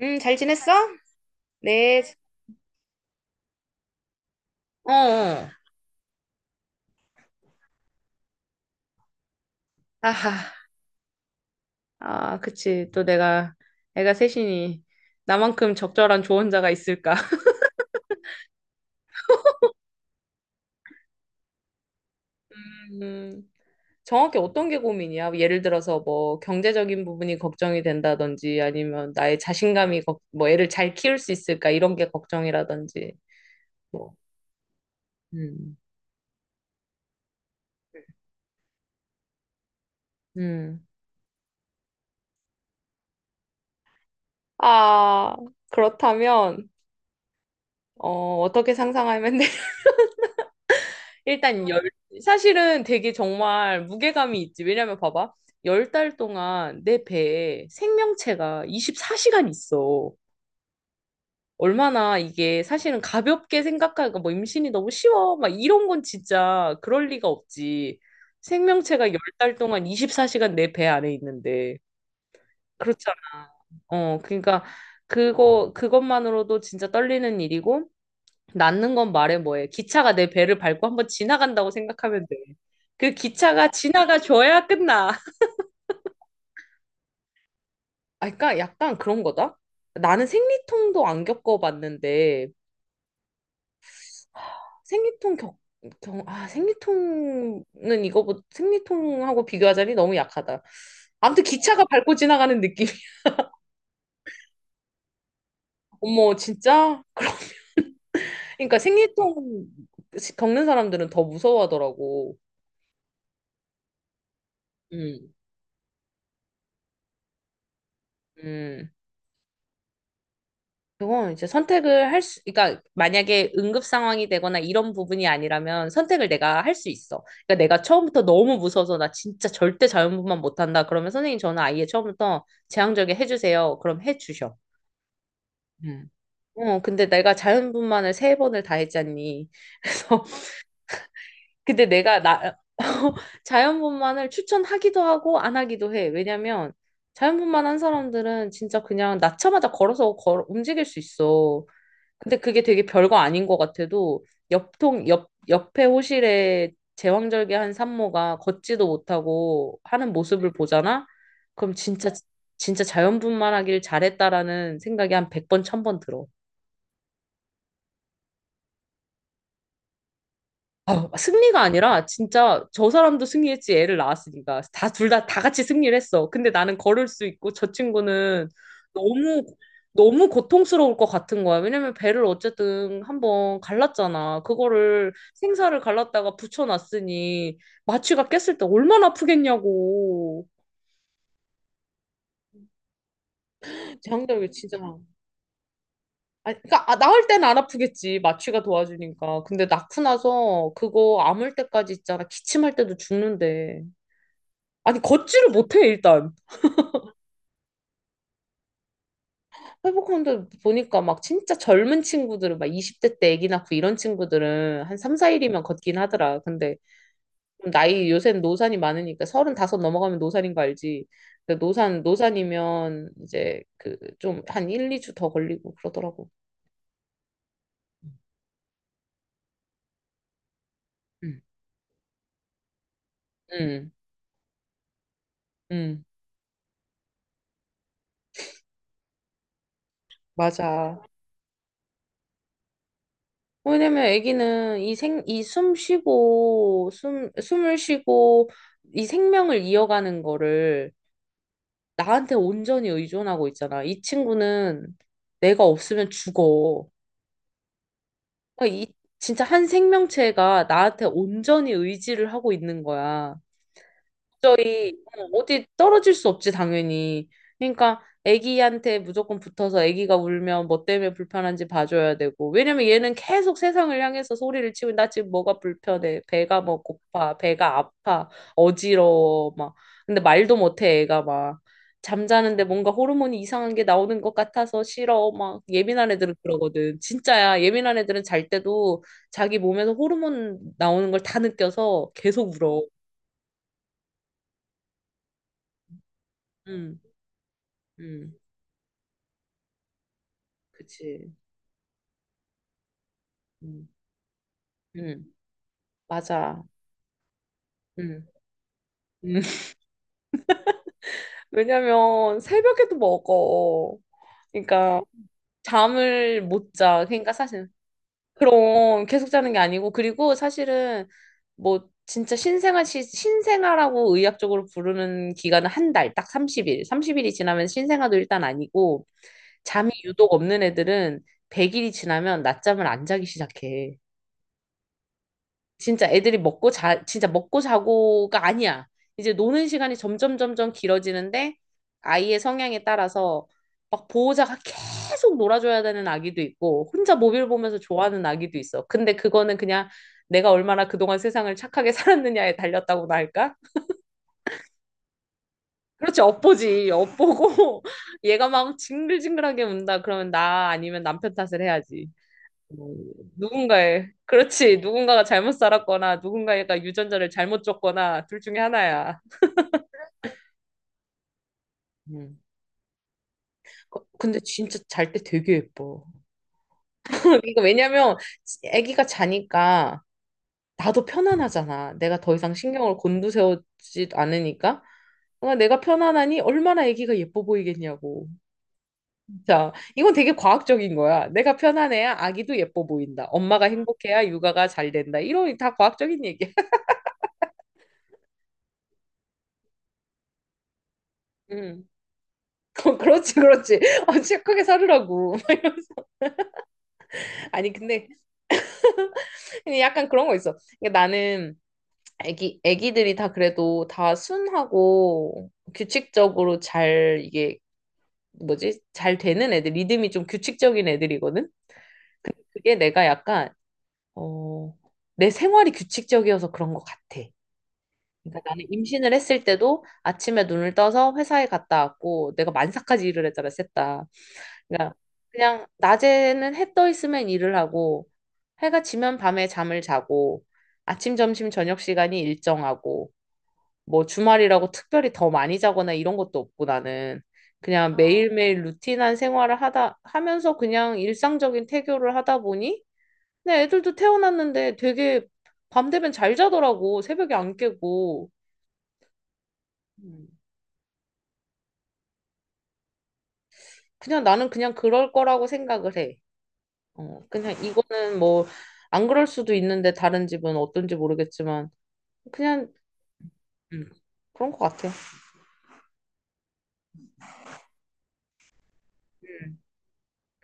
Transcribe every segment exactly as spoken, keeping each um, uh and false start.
음, 잘 지냈어? 네. 어, 어. 아하. 아, 그치. 또 내가, 애가 셋이니, 나만큼 적절한 조언자가 있을까? 음, 정확히 어떤 게 고민이야? 예를 들어서 뭐, 경제적인 부분이 걱정이 된다든지, 아니면 나의 자신감이, 걱- 뭐, 애를 잘 키울 수 있을까? 이런 게 걱정이라든지, 뭐, 음, 음. 아, 그렇다면, 어, 어떻게 상상하면 일단 열 사실은 되게 정말 무게감이 있지. 왜냐면 봐봐. 열 달 동안 내 배에 생명체가 이십사 시간 있어. 얼마나 이게 사실은 가볍게 생각하니까 뭐 임신이 너무 쉬워. 막 이런 건 진짜 그럴 리가 없지. 생명체가 열 달 동안 이십사 시간 내 배 안에 있는데. 그렇잖아. 어, 그러니까 그거 그것만으로도 진짜 떨리는 일이고 낳는 건 말해 뭐해. 기차가 내 배를 밟고 한번 지나간다고 생각하면 돼. 그 기차가 지나가줘야 끝나. 아, 그러니까 약간 그런 거다. 나는 생리통도 안 겪어봤는데 생리통 겪, 겪 아, 생리통은 이거보다 생리통하고 비교하자니 너무 약하다. 아무튼 기차가 밟고 지나가는 느낌. 어머, 진짜? 그럼, 그러니까 생리통 겪는 사람들은 더 무서워하더라고. 음, 음. 그건 이제 선택을 할 수, 그러니까 만약에 응급 상황이 되거나 이런 부분이 아니라면 선택을 내가 할 수 있어. 그러니까 내가 처음부터 너무 무서워서 나 진짜 절대 자연분만 못한다. 그러면 선생님 저는 아예 처음부터 제왕절개 해주세요. 그럼 해주셔. 음. 어, 근데 내가 자연분만을 세 번을 다 했잖니. 그래서 근데 내가 나 자연분만을 추천하기도 하고 안 하기도 해. 왜냐면 자연분만 한 사람들은 진짜 그냥 낳자마자 걸어서 걸 움직일 수 있어. 근데 그게 되게 별거 아닌 것 같아도 옆통 옆 옆에 호실에 제왕절개한 산모가 걷지도 못하고 하는 모습을 보잖아? 그럼 진짜 진짜 자연분만하길 잘했다라는 생각이 한 백번 천번 들어. 아, 승리가 아니라 진짜 저 사람도 승리했지 애를 낳았으니까 다 둘 다 다 같이 승리를 했어. 근데 나는 걸을 수 있고 저 친구는 너무 너무 고통스러울 것 같은 거야. 왜냐면 배를 어쨌든 한번 갈랐잖아. 그거를 생사를 갈랐다가 붙여놨으니 마취가 깼을 때 얼마나 아프겠냐고. 장작이 진짜 아니, 그러니까 아, 낳을 때는 안 아프겠지. 마취가 도와주니까. 근데 낳고 나서 그거 아물 때까지 있잖아. 기침할 때도 죽는데. 아니 걷지를 못해 일단 회복하는데 보니까 막 진짜 젊은 친구들은 막 이십 대 때 아기 낳고 이런 친구들은 한 삼, 사 일이면 걷긴 하더라 근데 좀 나이 요새는 노산이 많으니까 서른다섯 넘어가면 노산인 거 알지 근데 노산 노산이면 이제 그 좀 한 일, 이 주 더 걸리고 그러더라고 응, 응, 응, 맞아. 왜냐면 아기는 이 생, 이 숨 쉬고, 숨, 숨을 쉬고, 이 생명을 이어가는 거를 나한테 온전히 의존하고 있잖아. 이 친구는 내가 없으면 죽어. 그러니까 이 진짜 한 생명체가 나한테 온전히 의지를 하고 있는 거야. 저희 어, 어디 떨어질 수 없지 당연히. 그러니까 아기한테 무조건 붙어서 아기가 울면 뭐 때문에 불편한지 봐줘야 되고. 왜냐면 얘는 계속 세상을 향해서 소리를 치고 나 지금 뭐가 불편해. 배가 뭐 고파. 배가 아파. 어지러워. 막. 근데 말도 못해 애가 막. 잠자는데 뭔가 호르몬이 이상한 게 나오는 것 같아서 싫어. 막 예민한 애들은 그러거든. 진짜야. 예민한 애들은 잘 때도 자기 몸에서 호르몬 나오는 걸 다 느껴서 계속 울어. 응. 응. 그치. 음. 음. 맞아. 음. 음. 왜냐면 새벽에도 먹어. 그러니까 잠을 못 자. 그러니까 사실 그럼 계속 자는 게 아니고 그리고 사실은 뭐 진짜 신생아 시, 신생아라고 의학적으로 부르는 기간은 한 달, 딱 삼십 일. 삼십 일이 지나면 신생아도 일단 아니고 잠이 유독 없는 애들은 백 일이 지나면 낮잠을 안 자기 시작해. 진짜 애들이 먹고 자, 진짜 먹고 자고가 아니야. 이제 노는 시간이 점점 점점 길어지는데 아이의 성향에 따라서 막 보호자가 계속 놀아줘야 되는 아기도 있고 혼자 모빌 보면서 좋아하는 아기도 있어. 근데 그거는 그냥 내가 얼마나 그동안 세상을 착하게 살았느냐에 달렸다고나 할까? 그렇지, 엿보지. 엿보고 얘가 막 징글징글하게 운다. 그러면 나 아니면 남편 탓을 해야지. 누군가의, 그렇지. 누군가가 잘못 살았거나 누군가가 유전자를 잘못 줬거나 둘 중에 하나야. 음. 거- 근데 진짜 잘 때 되게 예뻐. 이거 왜냐면 아기가 자니까 나도 편안하잖아. 내가 더 이상 신경을 곤두세우지 않으니까. 어, 내가 편안하니 얼마나 아기가 예뻐 보이겠냐고. 자, 이건 되게 과학적인 거야. 내가 편안해야 아기도 예뻐 보인다. 엄마가 행복해야 육아가 잘 된다. 이런 다 과학적인 얘기야. 음. 어, 그렇지, 그렇지. 어, 진하 크게 사르라고. 아니, 근데, 근데 약간 그런 거 있어. 그러니까 나는 애기, 애기들이 다 그래도 다 순하고 규칙적으로 잘, 이게 뭐지? 잘 되는 애들, 리듬이 좀 규칙적인 애들이거든? 그게 내가 약간, 어, 내 생활이 규칙적이어서 그런 것 같아. 그러니까 나는 임신을 했을 때도 아침에 눈을 떠서 회사에 갔다 왔고, 내가 만사까지 일을 했잖아, 셋 다. 그러니까 그냥 낮에는 해 떠 있으면 일을 하고 해가 지면 밤에 잠을 자고 아침, 점심, 저녁 시간이 일정하고 뭐 주말이라고 특별히 더 많이 자거나 이런 것도 없고 나는 그냥 어, 매일매일 루틴한 생활을 하다 하면서 그냥 일상적인 태교를 하다 보니 내 애들도 태어났는데 되게 밤 되면 잘 자더라고 새벽에 안 깨고 음. 그냥 나는 그냥 그럴 거라고 생각을 해. 어, 그냥 이거는 뭐, 안 그럴 수도 있는데, 다른 집은 어떤지 모르겠지만, 그냥, 음, 그런 것 같아요. 음,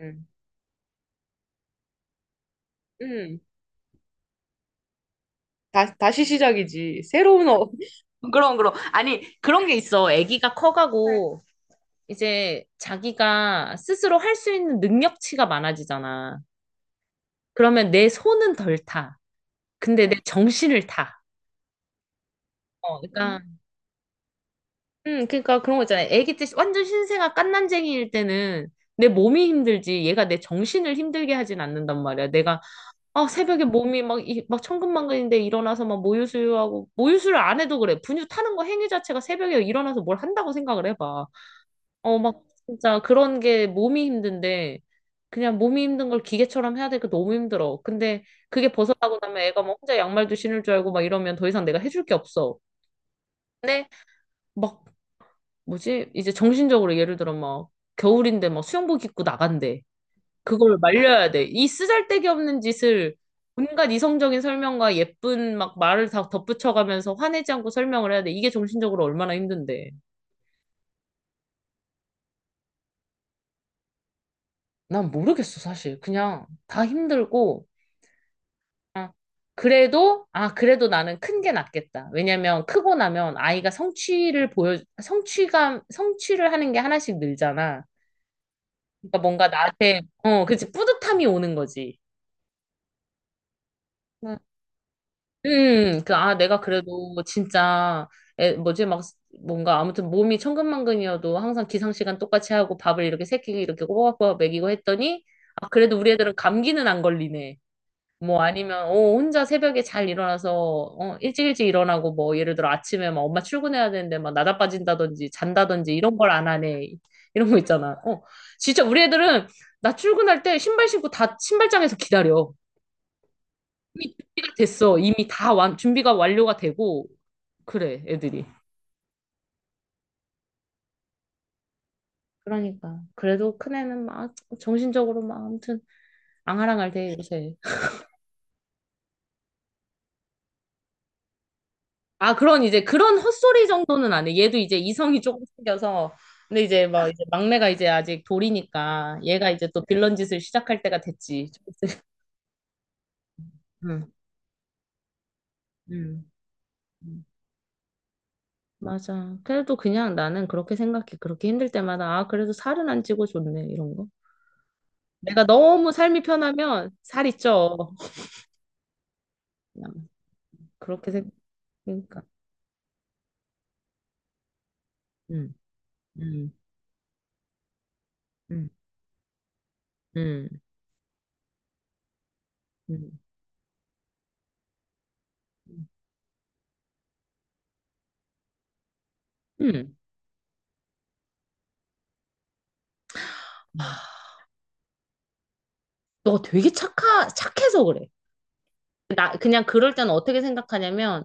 음, 음. 다, 다시 시작이지. 새로운, 어, 그럼, 그럼. 아니, 그런 게 있어. 아기가 커가고, 이제 자기가 스스로 할 수 있는 능력치가 많아지잖아. 그러면 내 손은 덜 타. 근데 내 정신을 타. 어, 그러니까 음, 그러니까 그런 거 있잖아요. 애기 때 완전 신생아 갓난쟁이일 때는 내 몸이 힘들지 얘가 내 정신을 힘들게 하진 않는단 말이야. 내가 아, 새벽에 몸이 막, 이, 막 천근만근인데 일어나서 막 모유수유하고 모유수유를 안 해도 그래. 분유 타는 거 행위 자체가 새벽에 일어나서 뭘 한다고 생각을 해봐. 어, 막 진짜 그런 게 몸이 힘든데 그냥 몸이 힘든 걸 기계처럼 해야 되니까 너무 힘들어. 근데 그게 벗어나고 나면 애가 뭐 혼자 양말도 신을 줄 알고 막 이러면 더 이상 내가 해줄 게 없어. 근데 막 뭐지? 이제 정신적으로 예를 들어 막 겨울인데 막 수영복 입고 나간대. 그걸 말려야 돼. 이 쓰잘데기 없는 짓을 온갖 이성적인 설명과 예쁜 막 말을 다 덧붙여가면서 화내지 않고 설명을 해야 돼. 이게 정신적으로 얼마나 힘든데. 난 모르겠어, 사실. 그냥 다 힘들고. 아, 그래도, 아, 그래도 나는 큰 게 낫겠다. 왜냐면 크고 나면 아이가 성취를 보여, 성취감, 성취를 하는 게 하나씩 늘잖아. 그러니까 뭔가 나한테, 어, 그치, 뿌듯함이 오는 거지. 음, 그, 아, 내가 그래도 진짜, 에, 뭐지, 막, 뭔가, 아무튼 몸이 천근만근이어도 항상 기상시간 똑같이 하고 밥을 이렇게 새끼 이렇게 꼬박꼬박 먹이고 했더니, 아, 그래도 우리 애들은 감기는 안 걸리네. 뭐 아니면, 어, 혼자 새벽에 잘 일어나서, 어, 일찍 일찍 일어나고, 뭐, 예를 들어 아침에 막 엄마 출근해야 되는데 막 나다 빠진다든지, 잔다든지, 이런 걸 안 하네. 이런 거 있잖아. 어, 진짜 우리 애들은 나 출근할 때 신발 신고 다 신발장에서 기다려. 이미 준비가 됐어. 이미 다 완, 준비가 완료가 되고 그래 애들이. 그러니까. 그래도 큰애는 막 정신적으로 막 아무튼 앙하랑할 대 요새. 아 그런 이제 그런 헛소리 정도는 안 해. 얘도 이제 이성이 조금 생겨서 근데 이제 막 이제 막내가 이제 아직 돌이니까 얘가 이제 또 빌런 짓을 시작할 때가 됐지. 좀 있으면. 응, 응, 응. 맞아. 그래도 그냥 나는 그렇게 생각해. 그렇게 힘들 때마다, 아, 그래도 살은 안 찌고 좋네. 이런 거. 내가 너무 삶이 편하면 살이 쪄. 그렇게 생각하니까. 음, 음, 음, 음, 음. 음. 아, 너 되게 착하, 착해서 그래. 나 그냥 그럴 때는 어떻게 생각하냐면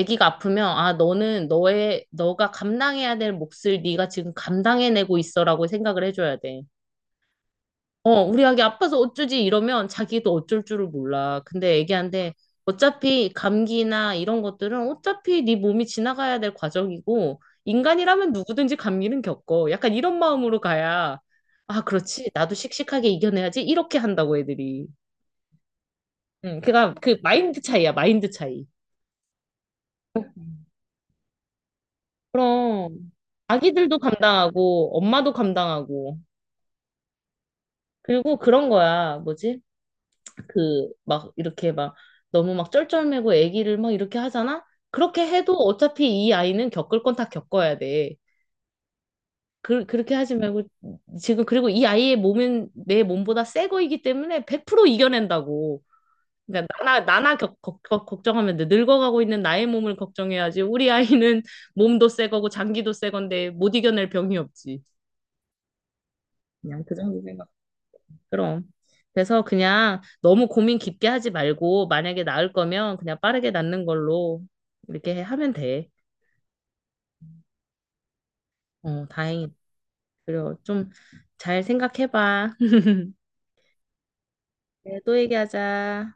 아기가 아프면 아 너는 너의 너가 감당해야 될 몫을 네가 지금 감당해내고 있어라고 생각을 해줘야 돼. 어, 우리 아기 아파서 어쩌지 이러면 자기도 어쩔 줄을 몰라. 근데 애기한테 어차피 감기나 이런 것들은 어차피 네 몸이 지나가야 될 과정이고 인간이라면 누구든지 감기는 겪어. 약간 이런 마음으로 가야 아, 그렇지. 나도 씩씩하게 이겨내야지. 이렇게 한다고 애들이. 응, 그니까 그 마인드 차이야, 마인드 차이. 그럼 아기들도 감당하고 엄마도 감당하고 그리고 그런 거야. 뭐지? 그 막 이렇게 막 너무 막 쩔쩔매고 아기를 막 이렇게 하잖아? 그렇게 해도 어차피 이 아이는 겪을 건 다 겪어야 돼. 그, 그렇게 하지 말고 지금 그리고 이 아이의 몸은 내 몸보다 새 거이기 때문에 백 퍼센트 이겨낸다고. 그러니까 나나 나나 겪, 걱- 걱- 걱정하면 돼. 늙어가고 있는 나의 몸을 걱정해야지. 우리 아이는 몸도 새 거고 장기도 새 건데 못 이겨낼 병이 없지. 그냥 그 정도 그럼. 그래서 그냥 너무 고민 깊게 하지 말고, 만약에 낳을 거면 그냥 빠르게 낳는 걸로 이렇게 해- 하면 돼. 어, 다행이다. 그래, 좀 잘 생각해봐. 네, 또 얘기하자.